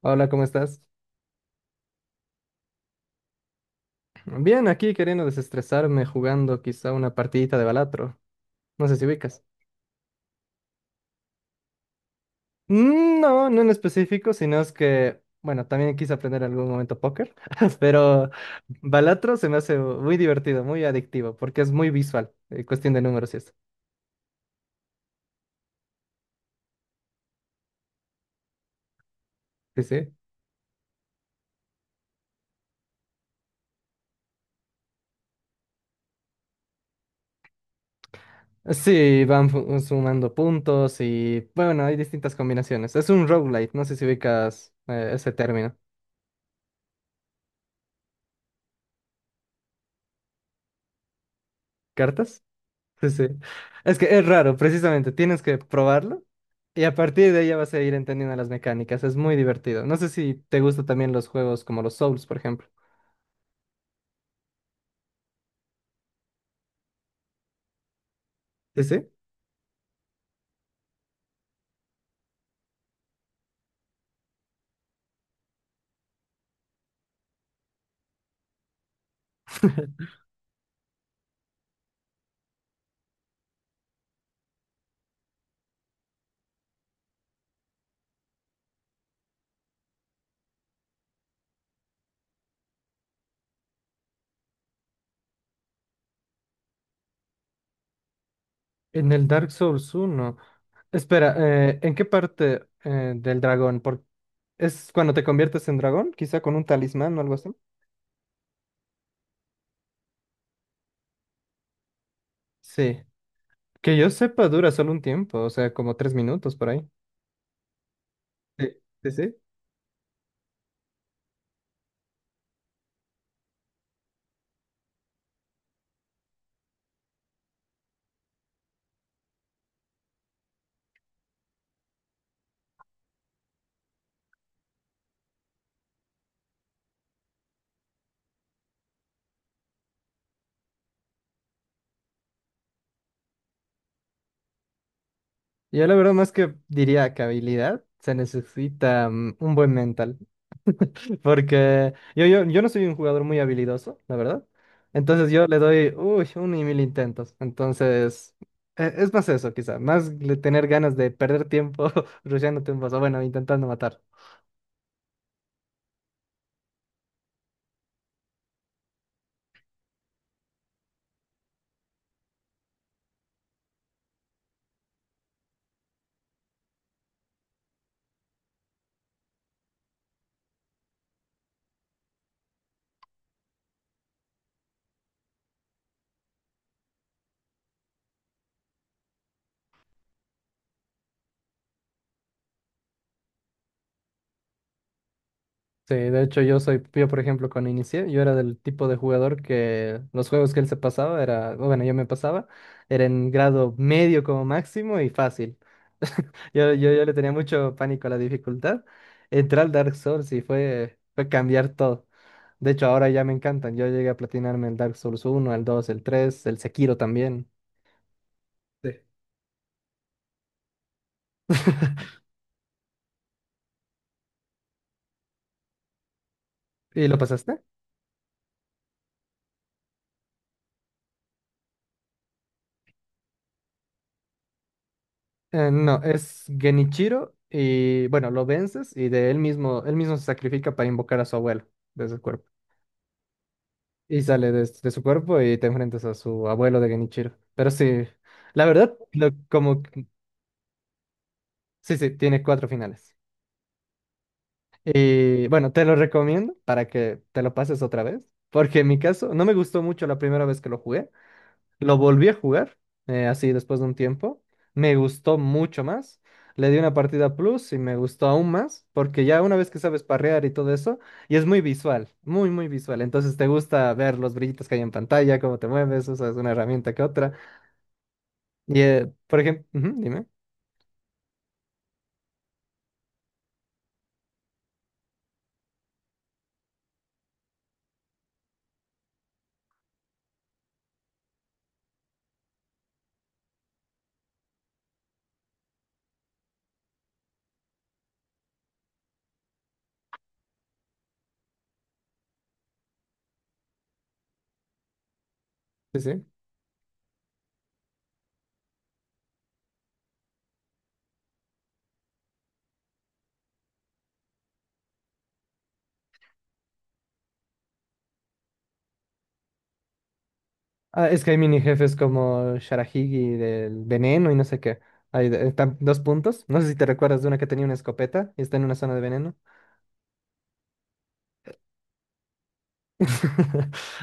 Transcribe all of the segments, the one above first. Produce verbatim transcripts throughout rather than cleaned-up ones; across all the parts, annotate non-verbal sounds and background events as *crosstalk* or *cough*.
Hola, ¿cómo estás? Bien, aquí queriendo desestresarme jugando quizá una partidita de Balatro. No sé si ubicas. Mm, No, no en específico, sino es que, bueno, también quise aprender en algún momento póker, *laughs* pero Balatro se me hace muy divertido, muy adictivo, porque es muy visual, eh, cuestión de números y eso. Sí, sí. Sí, van fu- sumando puntos y, bueno, hay distintas combinaciones. Es un roguelite, no sé si ubicas eh, ese término. ¿Cartas? Sí, sí. Es que es raro, precisamente. Tienes que probarlo y a partir de ahí ya vas a ir entendiendo las mecánicas. Es muy divertido. No sé si te gustan también los juegos como los Souls, por ejemplo. Sí, sí. En el Dark Souls uno. Espera, eh, ¿en qué parte eh, del dragón? Por... ¿Es cuando te conviertes en dragón? Quizá con un talismán o algo así. Sí. Que yo sepa, dura solo un tiempo, o sea, como tres minutos por ahí. Sí, sí, sí. Yo la verdad más que diría que habilidad, se necesita mm, un buen mental. *laughs* Porque yo, yo, yo no soy un jugador muy habilidoso, la verdad. Entonces yo le doy, uy, un y mil intentos. Entonces, e- es más eso, quizá, más le- tener ganas de perder tiempo *laughs* rusheándote un boss, o bueno, intentando matar. Sí, de hecho yo soy, yo por ejemplo cuando inicié, yo era del tipo de jugador que los juegos que él se pasaba era, bueno, yo me pasaba, era en grado medio como máximo y fácil. *laughs* Yo, yo, yo le tenía mucho pánico a la dificultad. Entrar al Dark Souls y fue, fue cambiar todo. De hecho ahora ya me encantan, yo llegué a platinarme el Dark Souls uno, el dos, el tres, el Sekiro también. Sí. *laughs* ¿Y lo pasaste? Eh, no, es Genichiro y bueno, lo vences y de él mismo, él mismo se sacrifica para invocar a su abuelo desde el cuerpo. Y sale de, de su cuerpo y te enfrentas a su abuelo de Genichiro. Pero sí, la verdad, lo, como, que- sí, sí, tiene cuatro finales. Y bueno, te lo recomiendo para que te lo pases otra vez, porque en mi caso no me gustó mucho la primera vez que lo jugué. Lo volví a jugar, eh, así después de un tiempo. Me gustó mucho más. Le di una partida plus y me gustó aún más, porque ya una vez que sabes parrear y todo eso, y es muy visual, muy, muy visual. Entonces te gusta ver los brillitos que hay en pantalla, cómo te mueves, usas una herramienta que otra. Y, eh, por ejemplo, dime. Sí, sí. Ah, es que hay mini jefes como Sharahigi del veneno y no sé qué. Hay de- tam- dos puntos. No sé si te recuerdas de una que tenía una escopeta y está en una zona de veneno. *laughs*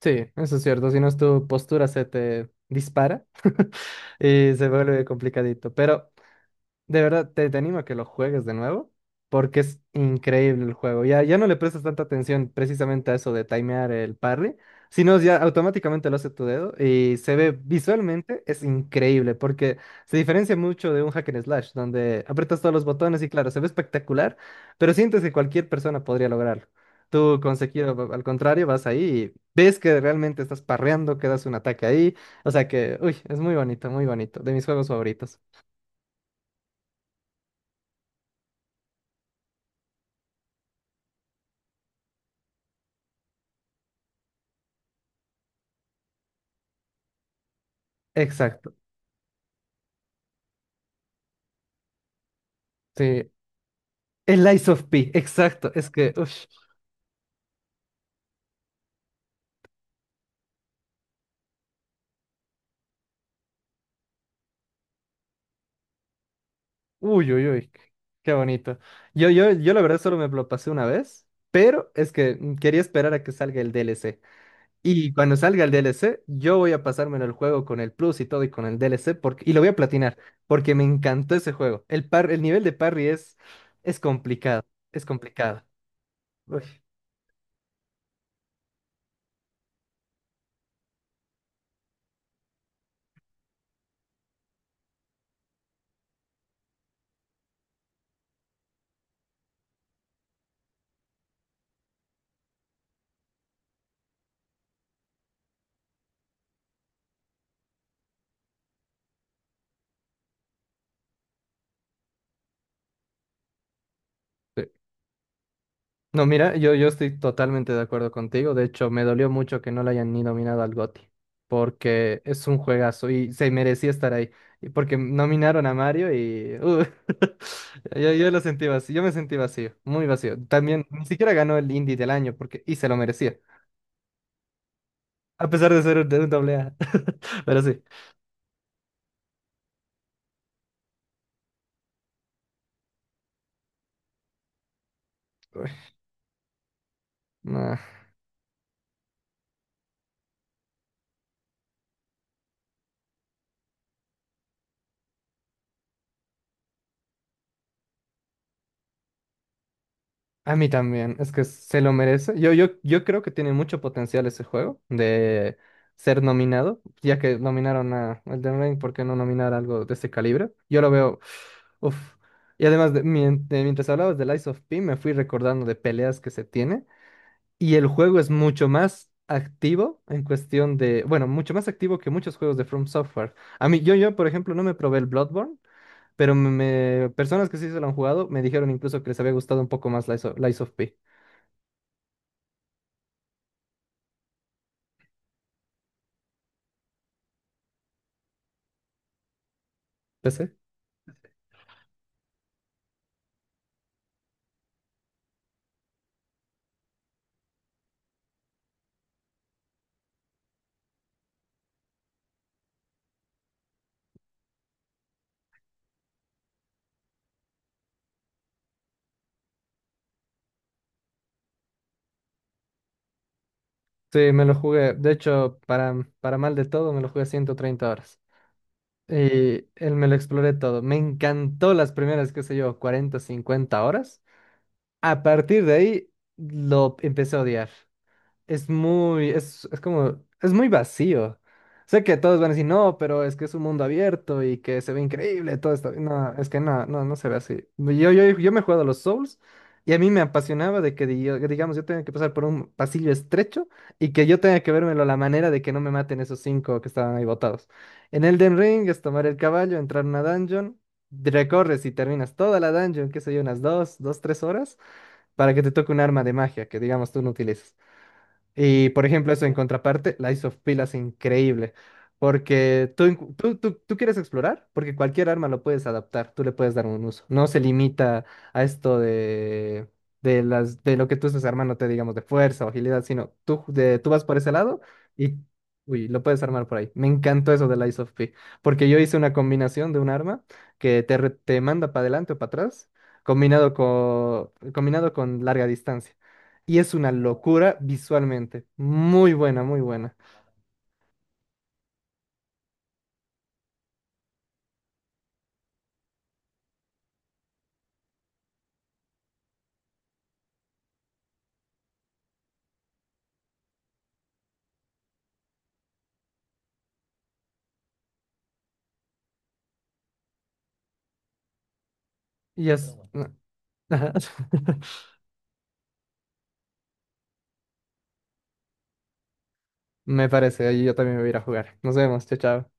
Sí, eso es cierto. Si no es tu postura, se te dispara *laughs* y se vuelve complicadito. Pero de verdad, te, te animo a que lo juegues de nuevo, porque es increíble el juego. Ya, ya no le prestas tanta atención precisamente a eso de timear el parry, sino ya automáticamente lo hace tu dedo y se ve visualmente, es increíble, porque se diferencia mucho de un hack and slash, donde aprietas todos los botones y claro, se ve espectacular, pero sientes que cualquier persona podría lograrlo. Tú con Sekiro, al contrario, vas ahí y ves que realmente estás parreando, que das un ataque ahí. O sea que, uy, es muy bonito, muy bonito, de mis juegos favoritos. Exacto. Sí, el Lies of P, exacto. Es que, ush, uy, uy, uy, qué bonito. Yo, yo, yo la verdad solo me lo pasé una vez, pero es que mm, quería esperar a que salga el D L C. Y cuando salga el D L C, yo voy a pasármelo el juego con el plus y todo y con el D L C porque, y lo voy a platinar, porque me encantó ese juego. El par, el nivel de parry es, es complicado, es complicado. Uy, sí. No, mira, yo, yo estoy totalmente de acuerdo contigo. De hecho, me dolió mucho que no le hayan ni nominado al G O T Y, porque es un juegazo y se merecía estar ahí. Y porque nominaron a Mario y uh, *laughs* yo, yo lo sentí vacío, yo me sentí vacío, muy vacío. También ni siquiera ganó el Indie del año porque y se lo merecía, a pesar de ser un, de un doble A. *laughs* Pero sí. Uy, no. A mí también, es que se lo merece. Yo, yo, yo creo que tiene mucho potencial ese juego de ser nominado, ya que nominaron a Elden Ring, ¿por qué no nominar algo de ese calibre? Yo lo veo, uff. Y además, de, mien- de- mientras hablabas de Lies of P, me fui recordando de peleas que se tiene, y el juego es mucho más activo en cuestión de, bueno, mucho más activo que muchos juegos de From Software. A mí, yo, yo, por ejemplo, no me probé el Bloodborne, pero me, personas que sí se lo han jugado me dijeron incluso que les había gustado un poco más Lies of, Lies of P. PC. Sí, sí, me lo jugué. De hecho, para, para mal de todo, me lo jugué ciento treinta horas. Y él me lo exploré todo. Me encantó las primeras, qué sé yo, cuarenta, cincuenta horas. A partir de ahí, lo empecé a odiar. Es muy, es, es como, es muy vacío. Sé que todos van a decir, no, pero es que es un mundo abierto y que se ve increíble todo esto. No, es que no, no, no se ve así. Yo, yo, yo me he jugado a los Souls y a mí me apasionaba de que, diga- digamos, yo tenga que pasar por un pasillo estrecho y que yo tenga que vérmelo a la manera de que no me maten esos cinco que estaban ahí botados. En Elden Ring es tomar el caballo, entrar a una dungeon, recorres y terminas toda la dungeon, qué sé yo, unas dos, dos, tres horas, para que te toque un arma de magia que, digamos, tú no utilizas. Y por ejemplo, eso en contraparte, Lies of P es increíble, porque tú, encu- tú, tú, tú quieres explorar, porque cualquier arma lo puedes adaptar, tú le puedes dar un uso. No se limita a esto de, de, las, de lo que tú estás armando, te digamos, de fuerza o agilidad, sino tú, de, tú vas por ese lado y uy, lo puedes armar por ahí. Me encantó eso de Lies of P, porque yo hice una combinación de un arma que te, re- te manda para adelante o para atrás, combinado con, combinado con larga distancia. Y es una locura visualmente. Muy buena, muy buena. Y Pero es... Pero bueno, *laughs* me parece, ahí yo también me voy a ir a jugar. Nos vemos, chao, chao.